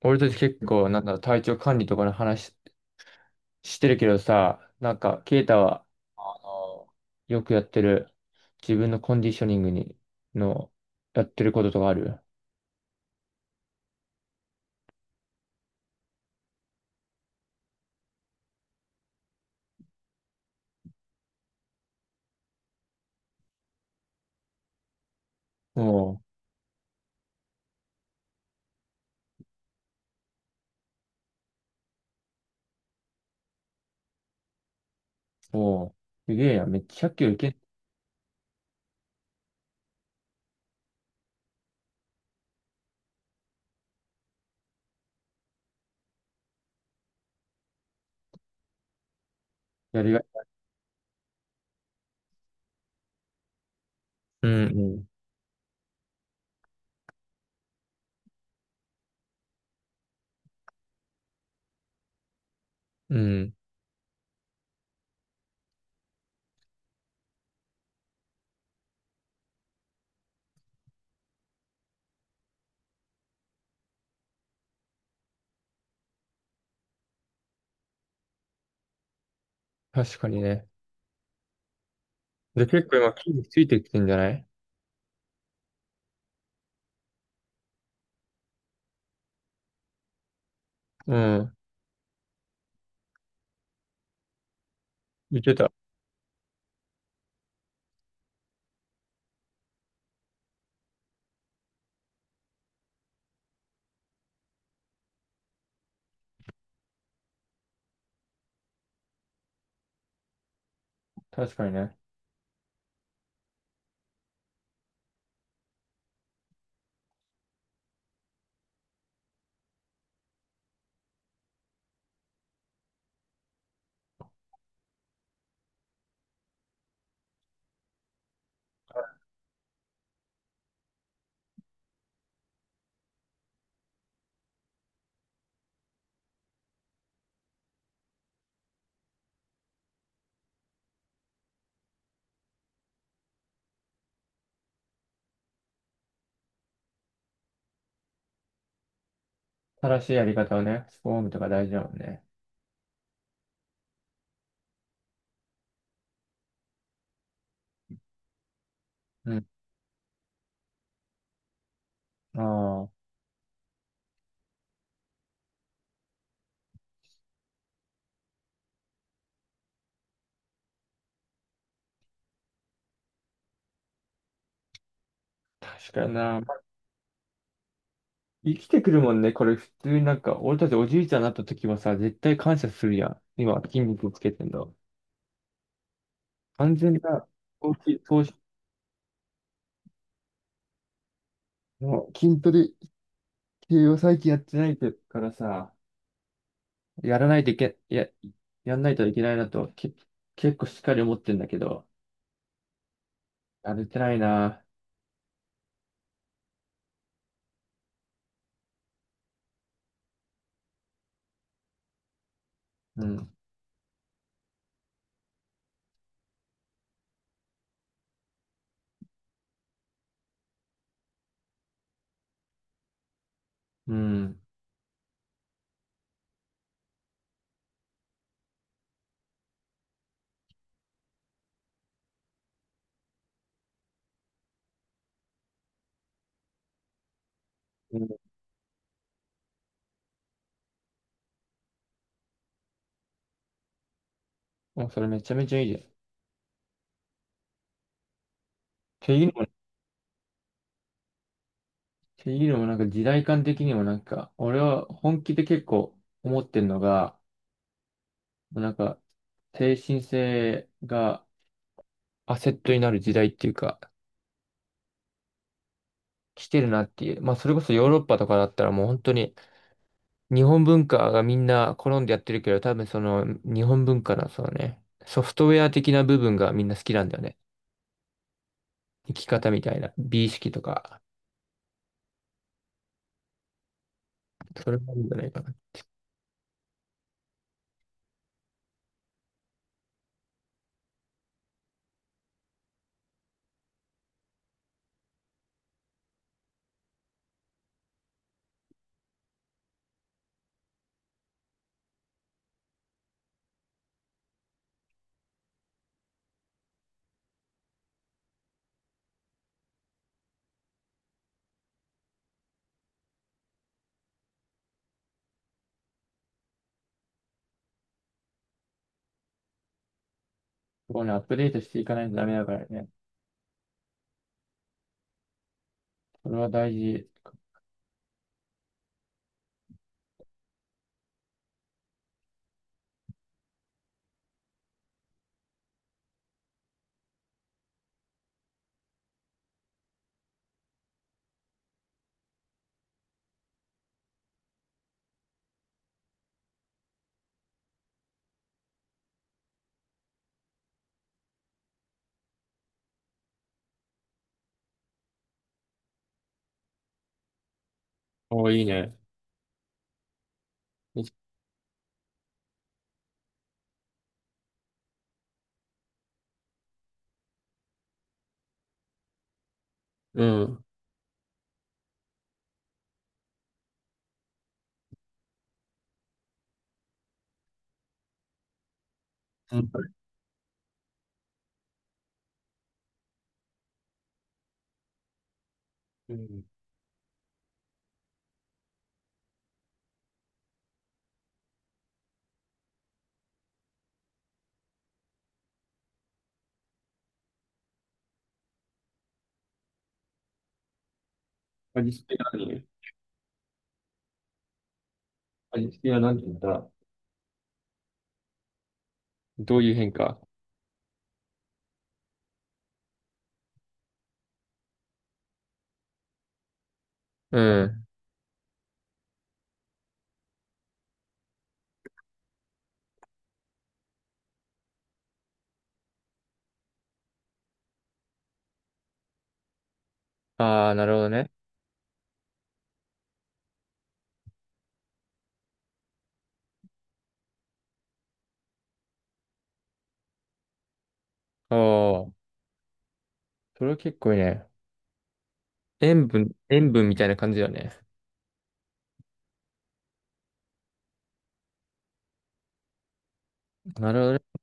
俺たち結構、なんだ、体調管理とかの話してるけどさ。ケイタは、あの、よくやってる、自分のコンディショニングに、の、やってることとかある？おう、おう、すげえやん、めっちゃひゃっき0キロいけん。やりがい。うんうん。うん。確かにね。で、結構今筋肉ついてきてんじゃない？うん。言ってた。確かにね。正しいやり方をね、スフォームとか大事だもんね。うん。ああ、確かにな。まあ生きてくるもんね。これ普通になんか、俺たちおじいちゃんになった時はさ、絶対感謝するやん。今、筋肉つけてんだ。完全な投資、投資の筋トレ系を最近やってないからさ、やらないといけ、や、やんないといけないなと、結構しっかり思ってんだけど、やれてないな。うん。うん。うん。もうそれめちゃめちゃいいじゃん。っていうのもね。っていうのもなんか時代感的にもなんか、俺は本気で結構思ってるのが、もうなんか、精神性がアセットになる時代っていうか、来てるなっていう。まあそれこそヨーロッパとかだったらもう本当に日本文化がみんな好んでやってるけど、多分その日本文化のそのね、ソフトウェア的な部分がみんな好きなんだよね。生き方みたいな、美意識とか、それもあるんじゃないかな。そこをね、アップデートしていかないとダメだからね。それは大事。おー、いいね。うん。うん。うん。味付けは何？味付けは何て言ったら、どういう変化？うん。ああ、なるほどね。おー。それは結構いいね。塩分、塩分みたいな感じだよね。なるほどね。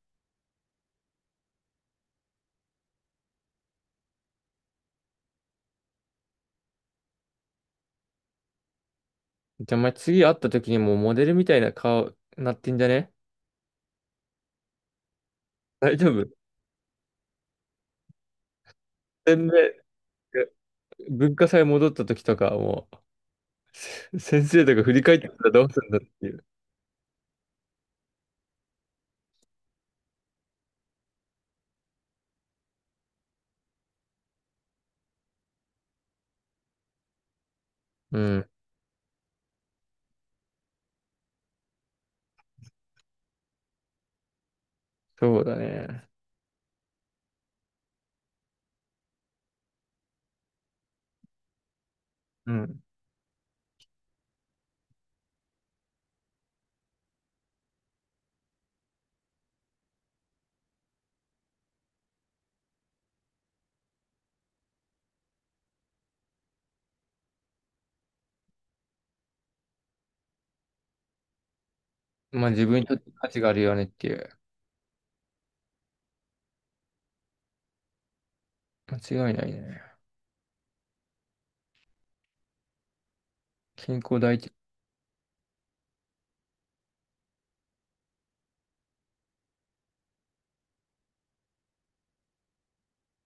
じゃあ、お前次会った時にもうモデルみたいな顔なってんじゃね？大丈夫？全然、え、文化祭戻った時とか、もう、せ先生とか振り返ってたらどうするんだっていう。うん。そうだね。うん。まあ自分にとって価値があるよねっていう。間違いないね。健康第一。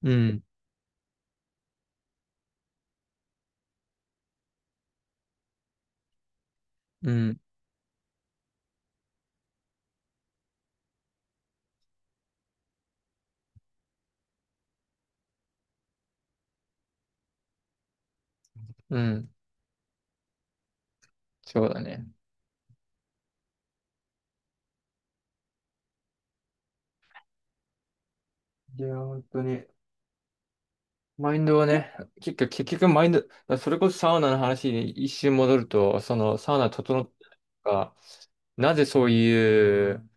うん。うん、うん、そうだね。いや、本当に。マインドはね、結局、マインド、だからそれこそサウナの話に一瞬戻ると、そのサウナ整ったりとか、なぜそういう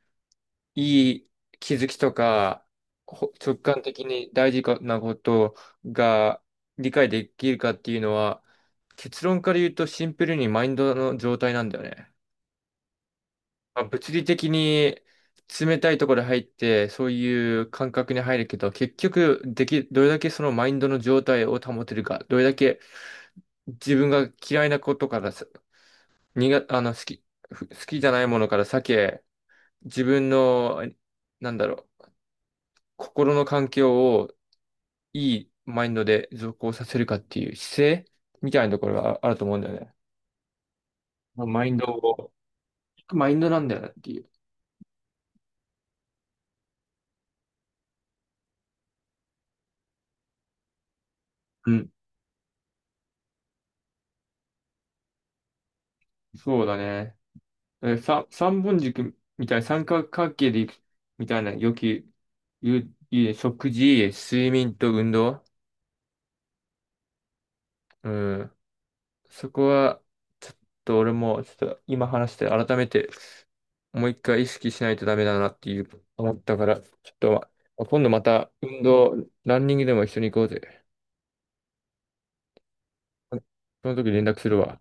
いい気づきとか、ほ直感的に大事かなことが理解できるかっていうのは、結論から言うとシンプルにマインドの状態なんだよね。まあ、物理的に冷たいところに入って、そういう感覚に入るけど、結局でき、どれだけそのマインドの状態を保てるか、どれだけ自分が嫌いなことからさ、苦あの、好きじゃないものから避け、自分の、なんだろう、心の環境をいいマインドで続行させるかっていう姿勢みたいなところがああると思うんだよね。まあマインドを、マインドなんだよなっていう。うん。そうだね。さ、三本軸みたいな三角関係でいくみたいな、よく言う、言う食事、睡眠と運動。うん。そこは、ちょっと俺も、ちょっと今話して改めて、もう一回意識しないとダメだなっていう、思ったから、ちょっと、ま今度また運動、ランニングでも一緒に行こうぜ。その時連絡するわ。